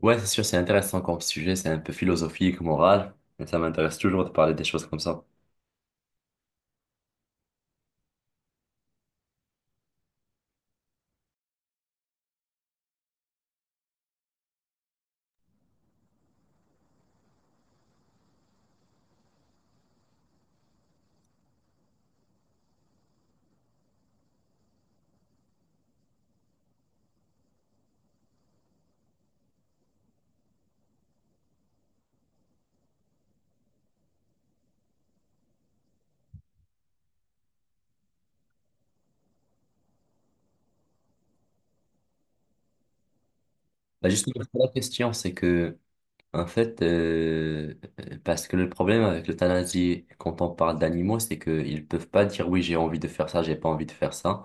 Ouais, c'est sûr, c'est intéressant comme sujet, c'est un peu philosophique, moral, mais ça m'intéresse toujours de parler des choses comme ça. Bah, justement, la question, c'est que En fait, parce que le problème avec l'euthanasie, quand on parle d'animaux, c'est qu'ils peuvent pas dire oui, j'ai envie de faire ça, j'ai pas envie de faire ça.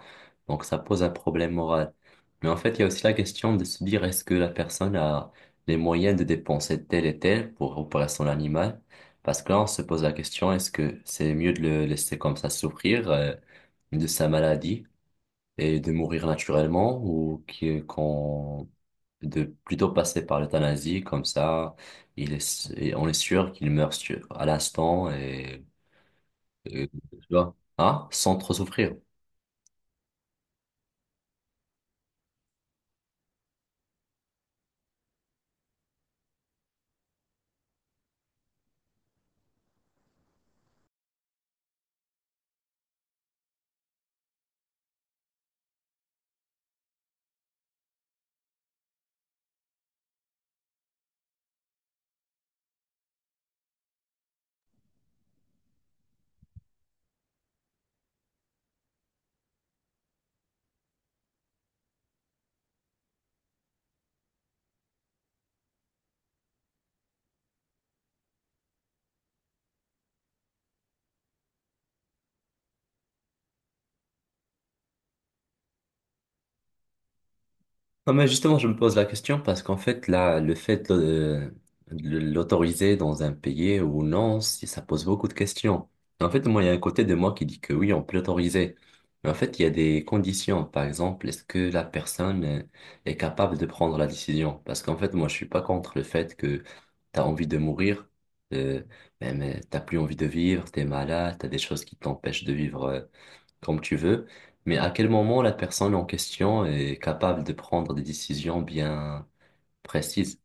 Donc ça pose un problème moral. Mais en fait, il y a aussi la question de se dire est-ce que la personne a les moyens de dépenser tel et tel pour opérer son animal? Parce que là, on se pose la question est-ce que c'est mieux de le laisser comme ça souffrir, de sa maladie? Et de mourir naturellement ou qui- qu'on de plutôt passer par l'euthanasie comme ça il est, et on est sûr qu'il meurt à l'instant, tu vois, hein, sans trop souffrir. Non, mais justement, je me pose la question parce qu'en fait, là, le fait de l'autoriser dans un pays ou non, ça pose beaucoup de questions. En fait, moi, il y a un côté de moi qui dit que oui, on peut l'autoriser. Mais en fait, il y a des conditions. Par exemple, est-ce que la personne est capable de prendre la décision? Parce qu'en fait, moi, je suis pas contre le fait que tu as envie de mourir, euh, mais t'as plus envie de vivre, t'es malade, t'as des choses qui t'empêchent de vivre comme tu veux, mais à quel moment la personne en question est capable de prendre des décisions bien précises?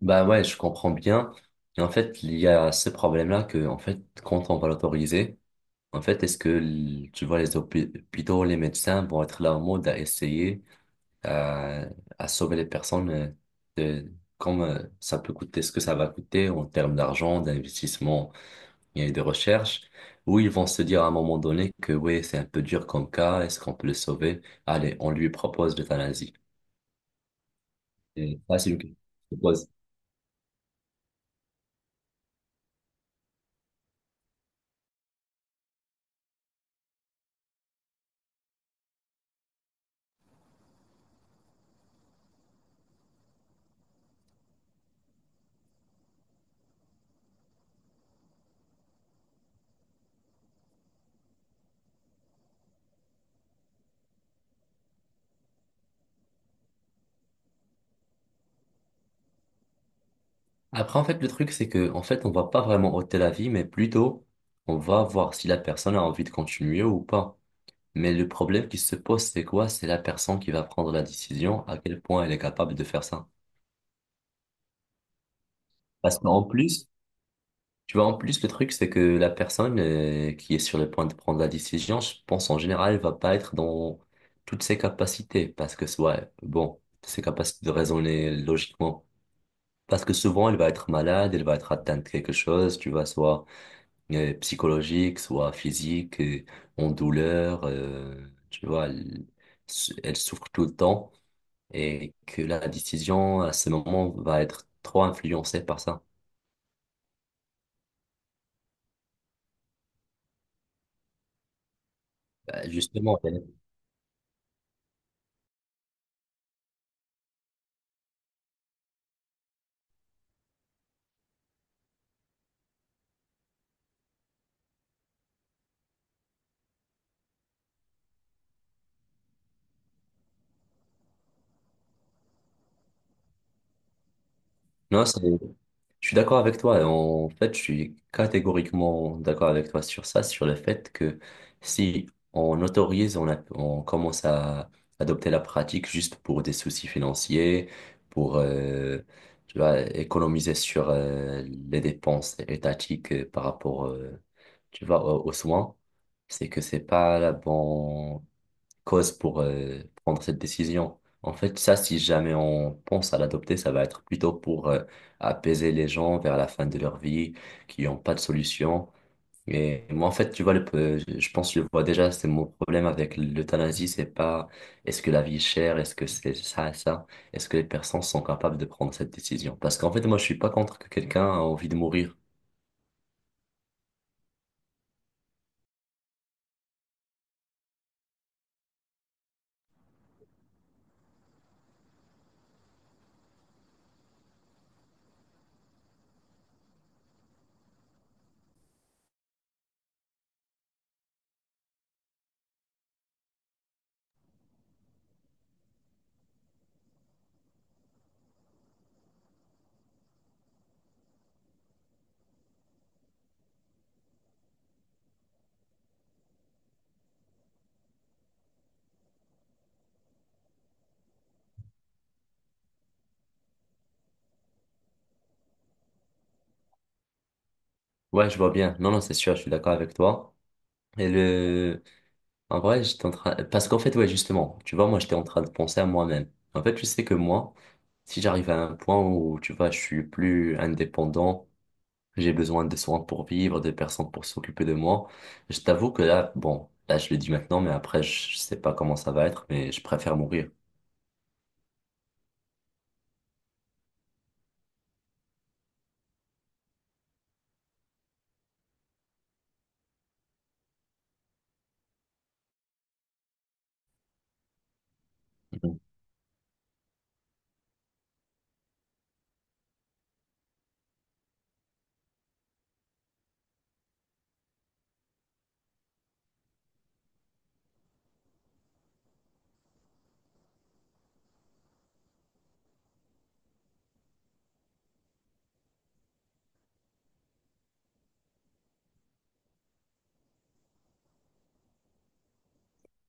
Bah ouais, je comprends bien. Et en fait, il y a ce problème-là que, en fait, quand on va l'autoriser, en fait, est-ce que, tu vois, les hôpitaux, les médecins vont être là en mode à à, à sauver les personnes de, comme ça peut coûter, ce que ça va coûter en termes d'argent, d'investissement il y et des recherches, où ils vont se dire à un moment donné que oui, c'est un peu dur comme cas, est-ce qu'on peut le sauver? Allez, on lui propose l'euthanasie. Et ça, c'est une question que... Après, en fait, le truc, c'est que, en fait, on va pas vraiment ôter la vie, mais plutôt, on va voir si la personne a envie de continuer ou pas. Mais le problème qui se pose, c'est quoi? C'est la personne qui va prendre la décision, à quel point elle est capable de faire ça. Parce qu'en plus, Tu vois, en plus, le truc, c'est que la personne qui est sur le point de prendre la décision, je pense en général, elle va pas être dans toutes ses capacités, parce que, ouais, bon, ses capacités de raisonner logiquement. Parce que souvent, elle va être malade, elle va être atteinte de quelque chose, tu vois, soit psychologique, soit physique, en douleur, tu vois, elle, elle souffre tout le temps, et que la décision, à ce moment, va être trop influencée par ça. Bah, Justement, elle- non, c'est Je suis d'accord avec toi. En fait, je suis catégoriquement d'accord avec toi sur ça, sur le fait que si on autorise, on commence à adopter la pratique juste pour des soucis financiers, pour, tu vois, économiser sur les dépenses étatiques par rapport, tu vois, aux soins, c'est que c'est pas la bonne cause pour prendre cette décision. En fait, ça, si jamais on pense à l'adopter, ça va être plutôt pour apaiser les gens vers la fin de leur vie qui n'ont pas de solution. Et moi, en fait, tu vois, je pense que je vois déjà, c'est mon problème avec l'euthanasie, c'est pas est-ce que la vie est chère, est-ce que c'est ça, ça, est-ce que les personnes sont capables de prendre cette décision? Parce qu'en fait, moi, je suis pas contre que quelqu'un a envie de mourir. Ouais, je vois bien. Non, non, c'est sûr, je suis d'accord avec toi. Et le, En vrai, j'étais en train... Parce qu'en fait, ouais, justement, tu vois, moi, j'étais en train de penser à moi-même. En fait, tu sais que moi, si j'arrive à un point où, tu vois, je suis plus indépendant, j'ai besoin de soins pour vivre, de personnes pour s'occuper de moi, je t'avoue que là, bon, là, je le dis maintenant, mais après, je sais pas comment ça va être, mais je préfère mourir. Mhm.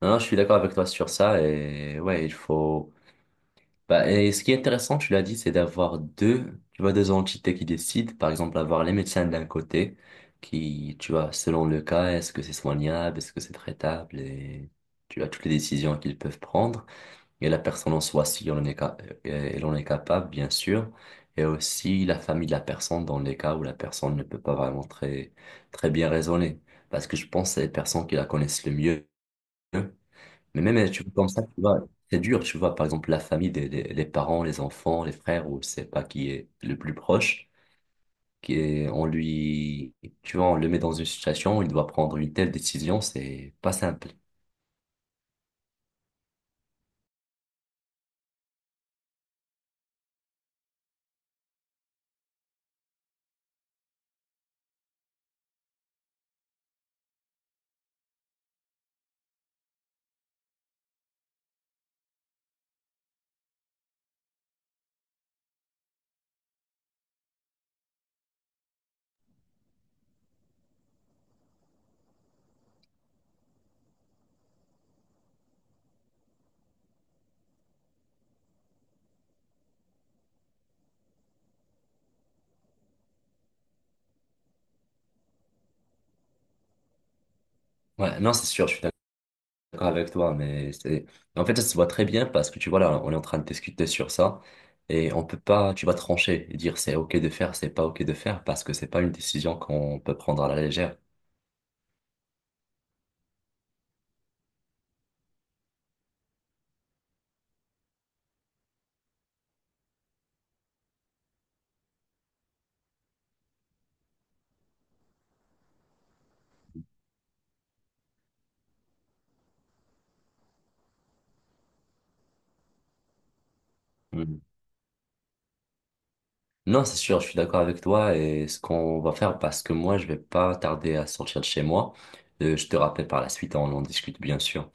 Non, non, je suis d'accord avec toi sur ça, et ouais, il faut... Bah, et ce qui est intéressant, tu l'as dit, c'est d'avoir deux, tu vois, deux entités qui décident. Par exemple, avoir les médecins d'un côté, qui, tu vois, selon le cas, est-ce que c'est soignable, est-ce que c'est traitable, et tu as toutes les décisions qu'ils peuvent prendre. Et la personne en soi, si on en est, elle en est capable, bien sûr. Et aussi la famille de la personne dans les cas où la personne ne peut pas vraiment très, très bien raisonner. Parce que je pense que c'est les personnes qui la connaissent le mieux. Mais même, tu vois, comme ça, tu vois, c'est dur, tu vois, par exemple, la famille, les parents, les enfants, les frères, ou je sais pas qui est le plus proche, on lui, tu vois, on le met dans une situation où il doit prendre une telle décision, c'est pas simple. Ouais, non, c'est sûr, je suis d'accord avec toi, mais c'est, en fait, ça se voit très bien parce que tu vois, là, on est en train de discuter sur ça et on peut pas, tu vas trancher et dire c'est OK de faire, c'est pas OK de faire parce que c'est pas une décision qu'on peut prendre à la légère. Non, c'est sûr, je suis d'accord avec toi, et ce qu'on va faire parce que moi, je vais pas tarder à sortir de chez moi. Je te rappelle par la suite, on en discute bien sûr.